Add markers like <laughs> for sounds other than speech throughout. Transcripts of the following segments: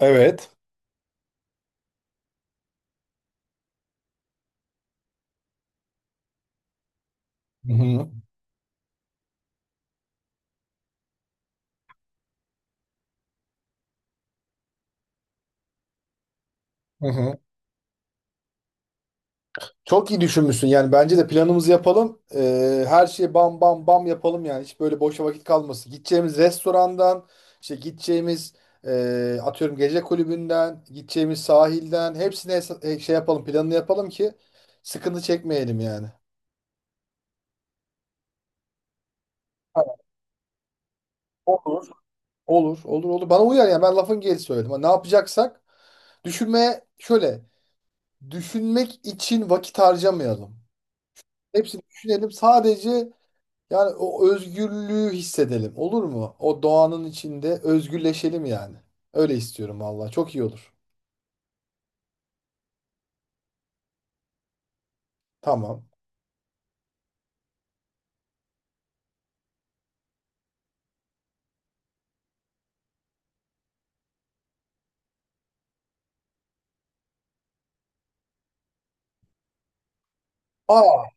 Evet. Hı hı. Hı hı. Çok iyi düşünmüşsün, yani bence de planımızı yapalım. Her şeyi bam bam bam yapalım, yani hiç böyle boşa vakit kalmasın. Gideceğimiz restorandan, işte gideceğimiz, atıyorum gece kulübünden, gideceğimiz sahilden hepsine şey yapalım, planını yapalım ki sıkıntı çekmeyelim yani. Tamam, olur. Olur olur olur, bana uyar, yani ben lafın gelişi söyledim. Hani ne yapacaksak düşünmeye şöyle düşünmek için vakit harcamayalım. Hepsini düşünelim sadece. Yani o özgürlüğü hissedelim. Olur mu? O doğanın içinde özgürleşelim yani. Öyle istiyorum valla. Çok iyi olur. Tamam. Aa,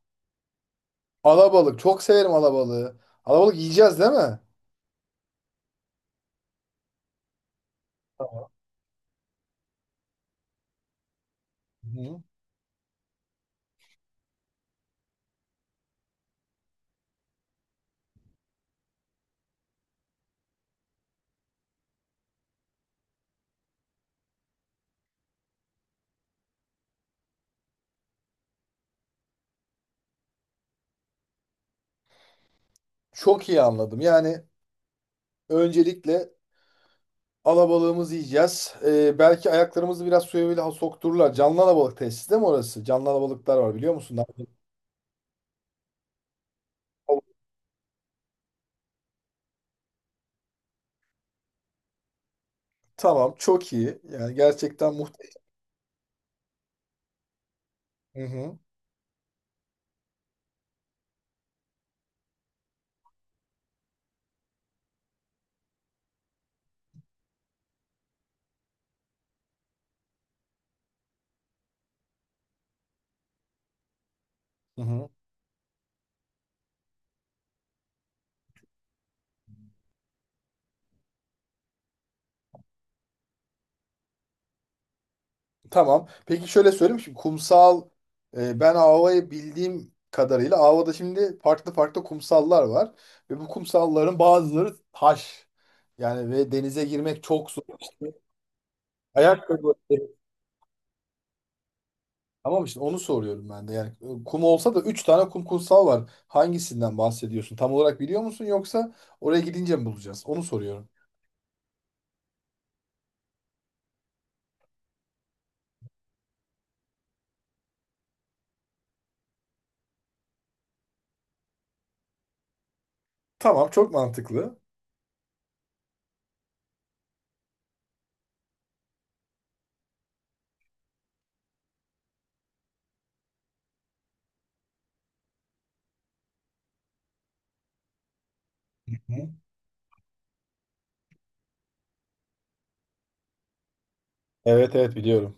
alabalık. Çok severim alabalığı. Alabalık yiyeceğiz değil mi? Tamam. Hı. Çok iyi anladım. Yani öncelikle alabalığımızı yiyeceğiz. Belki ayaklarımızı biraz suya bile soktururlar. Canlı alabalık tesisi değil mi orası? Canlı alabalıklar var biliyor musun? Tamam. Çok iyi. Yani gerçekten muhteşem. Hı hı. Hı hı. Tamam. Peki, şöyle söyleyeyim. Şimdi kumsal, ben Ava'yı bildiğim kadarıyla Ava'da şimdi farklı farklı kumsallar var. Ve bu kumsalların bazıları taş. Yani ve denize girmek çok zor. İşte ayakkabı. Tamam, işte onu soruyorum ben de. Yani kum olsa da 3 tane kum kumsal var. Hangisinden bahsediyorsun? Tam olarak biliyor musun, yoksa oraya gidince mi bulacağız? Onu soruyorum. Tamam, çok mantıklı. Hı. Evet evet biliyorum.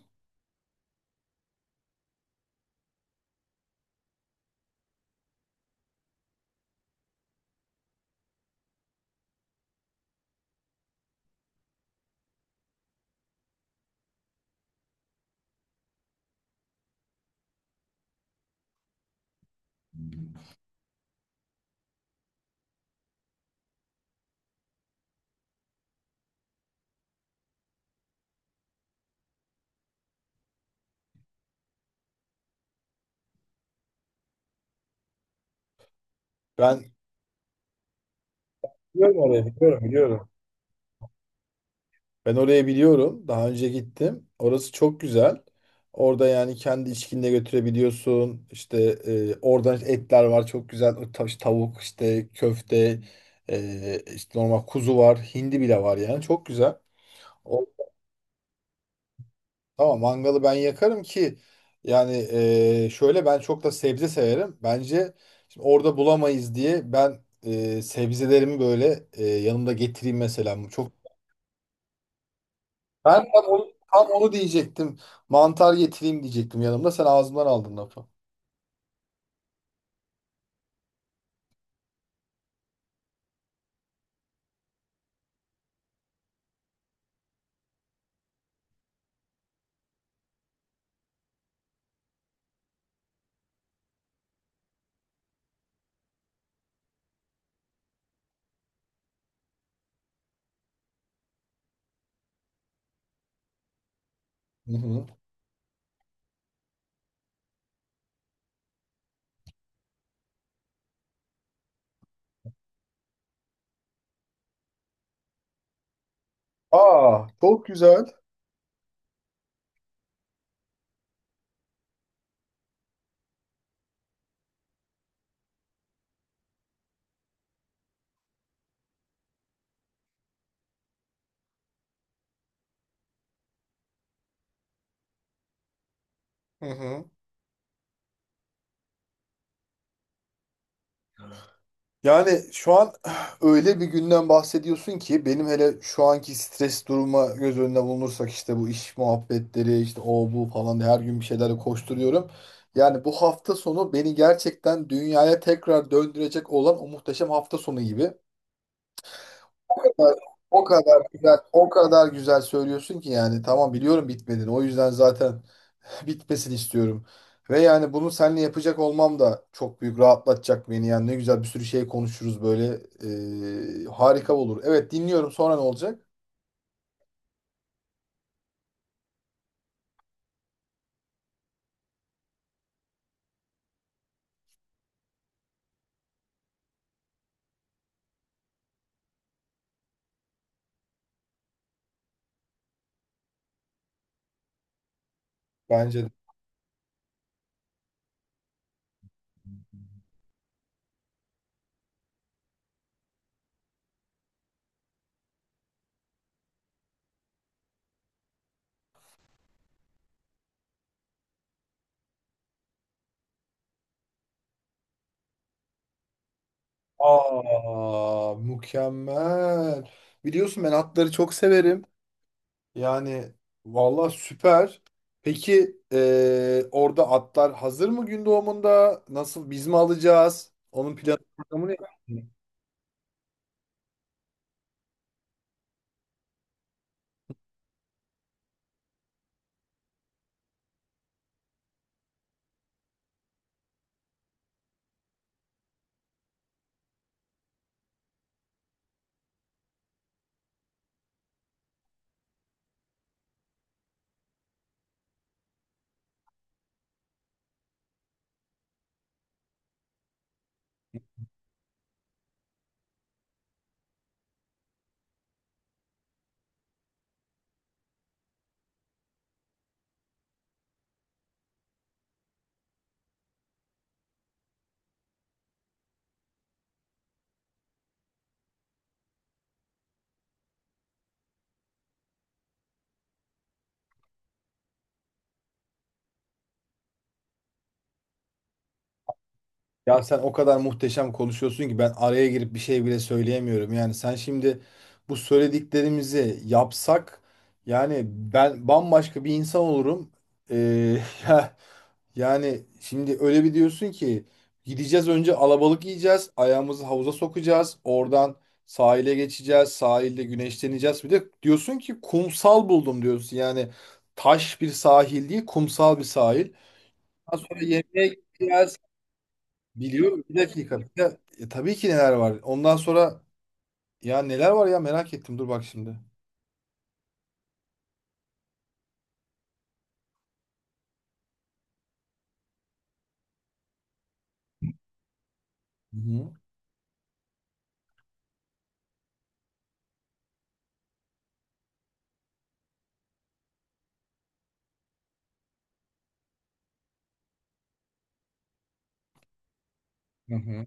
Ben biliyorum orayı, biliyorum biliyorum. Ben oraya biliyorum. Daha önce gittim. Orası çok güzel. Orada yani kendi içkinle götürebiliyorsun. İşte oradan etler var çok güzel. Tavuk, işte köfte, işte normal kuzu var. Hindi bile var yani çok güzel. O, tamam, mangalı ben yakarım ki, yani şöyle, ben çok da sebze severim. Bence şimdi orada bulamayız diye ben sebzelerimi böyle yanımda getireyim mesela. Ben tam onu, tam onu diyecektim. Mantar getireyim diyecektim yanımda. Sen ağzımdan aldın lafı. Hı hı. Aa, çok güzel. Hı hı. Yani şu an <sighs> öyle bir günden bahsediyorsun ki benim, hele şu anki stres duruma göz önüne bulunursak, işte bu iş muhabbetleri, işte o bu falan diye, her gün bir şeylerle koşturuyorum. Yani bu hafta sonu beni gerçekten dünyaya tekrar döndürecek olan o muhteşem hafta sonu gibi. O kadar, o kadar güzel, o kadar güzel söylüyorsun ki yani, tamam, biliyorum bitmediğini. O yüzden zaten bitmesini istiyorum. Ve yani bunu seninle yapacak olmam da çok büyük rahatlatacak beni. Yani ne güzel, bir sürü şey konuşuruz böyle. Harika olur. Evet, dinliyorum. Sonra ne olacak? Bence de. Aa, mükemmel. Biliyorsun ben atları çok severim. Yani valla süper. Peki, orada atlar hazır mı gün doğumunda? Nasıl, biz mi alacağız? Onun planı programı ne? Ya sen o kadar muhteşem konuşuyorsun ki ben araya girip bir şey bile söyleyemiyorum. Yani sen şimdi bu söylediklerimizi yapsak, yani ben bambaşka bir insan olurum. Ee, <laughs> ya- yani şimdi öyle bir diyorsun ki gideceğiz önce alabalık yiyeceğiz, ayağımızı havuza sokacağız, oradan sahile geçeceğiz, sahilde güneşleneceğiz. Bir de diyorsun ki kumsal buldum diyorsun. Yani taş bir sahil değil, kumsal bir sahil. Ondan sonra yemeğe gideceğiz. Biliyorum. Bir dakika. Tabii ki neler var. Ondan sonra ya neler var, ya merak ettim. Dur bak şimdi. Hı hı. Hı hı.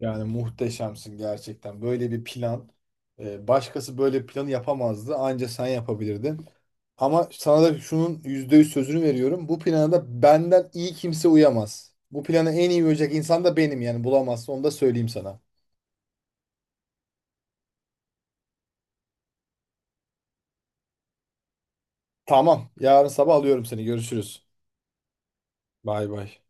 Yani muhteşemsin gerçekten. Böyle bir plan. Başkası böyle bir planı yapamazdı. Anca sen yapabilirdin. Ama sana da şunun %100 sözünü veriyorum. Bu plana da benden iyi kimse uyamaz. Bu plana en iyi uyacak insan da benim, yani bulamazsın. Onu da söyleyeyim sana. Tamam. Yarın sabah alıyorum seni. Görüşürüz. Bay bay.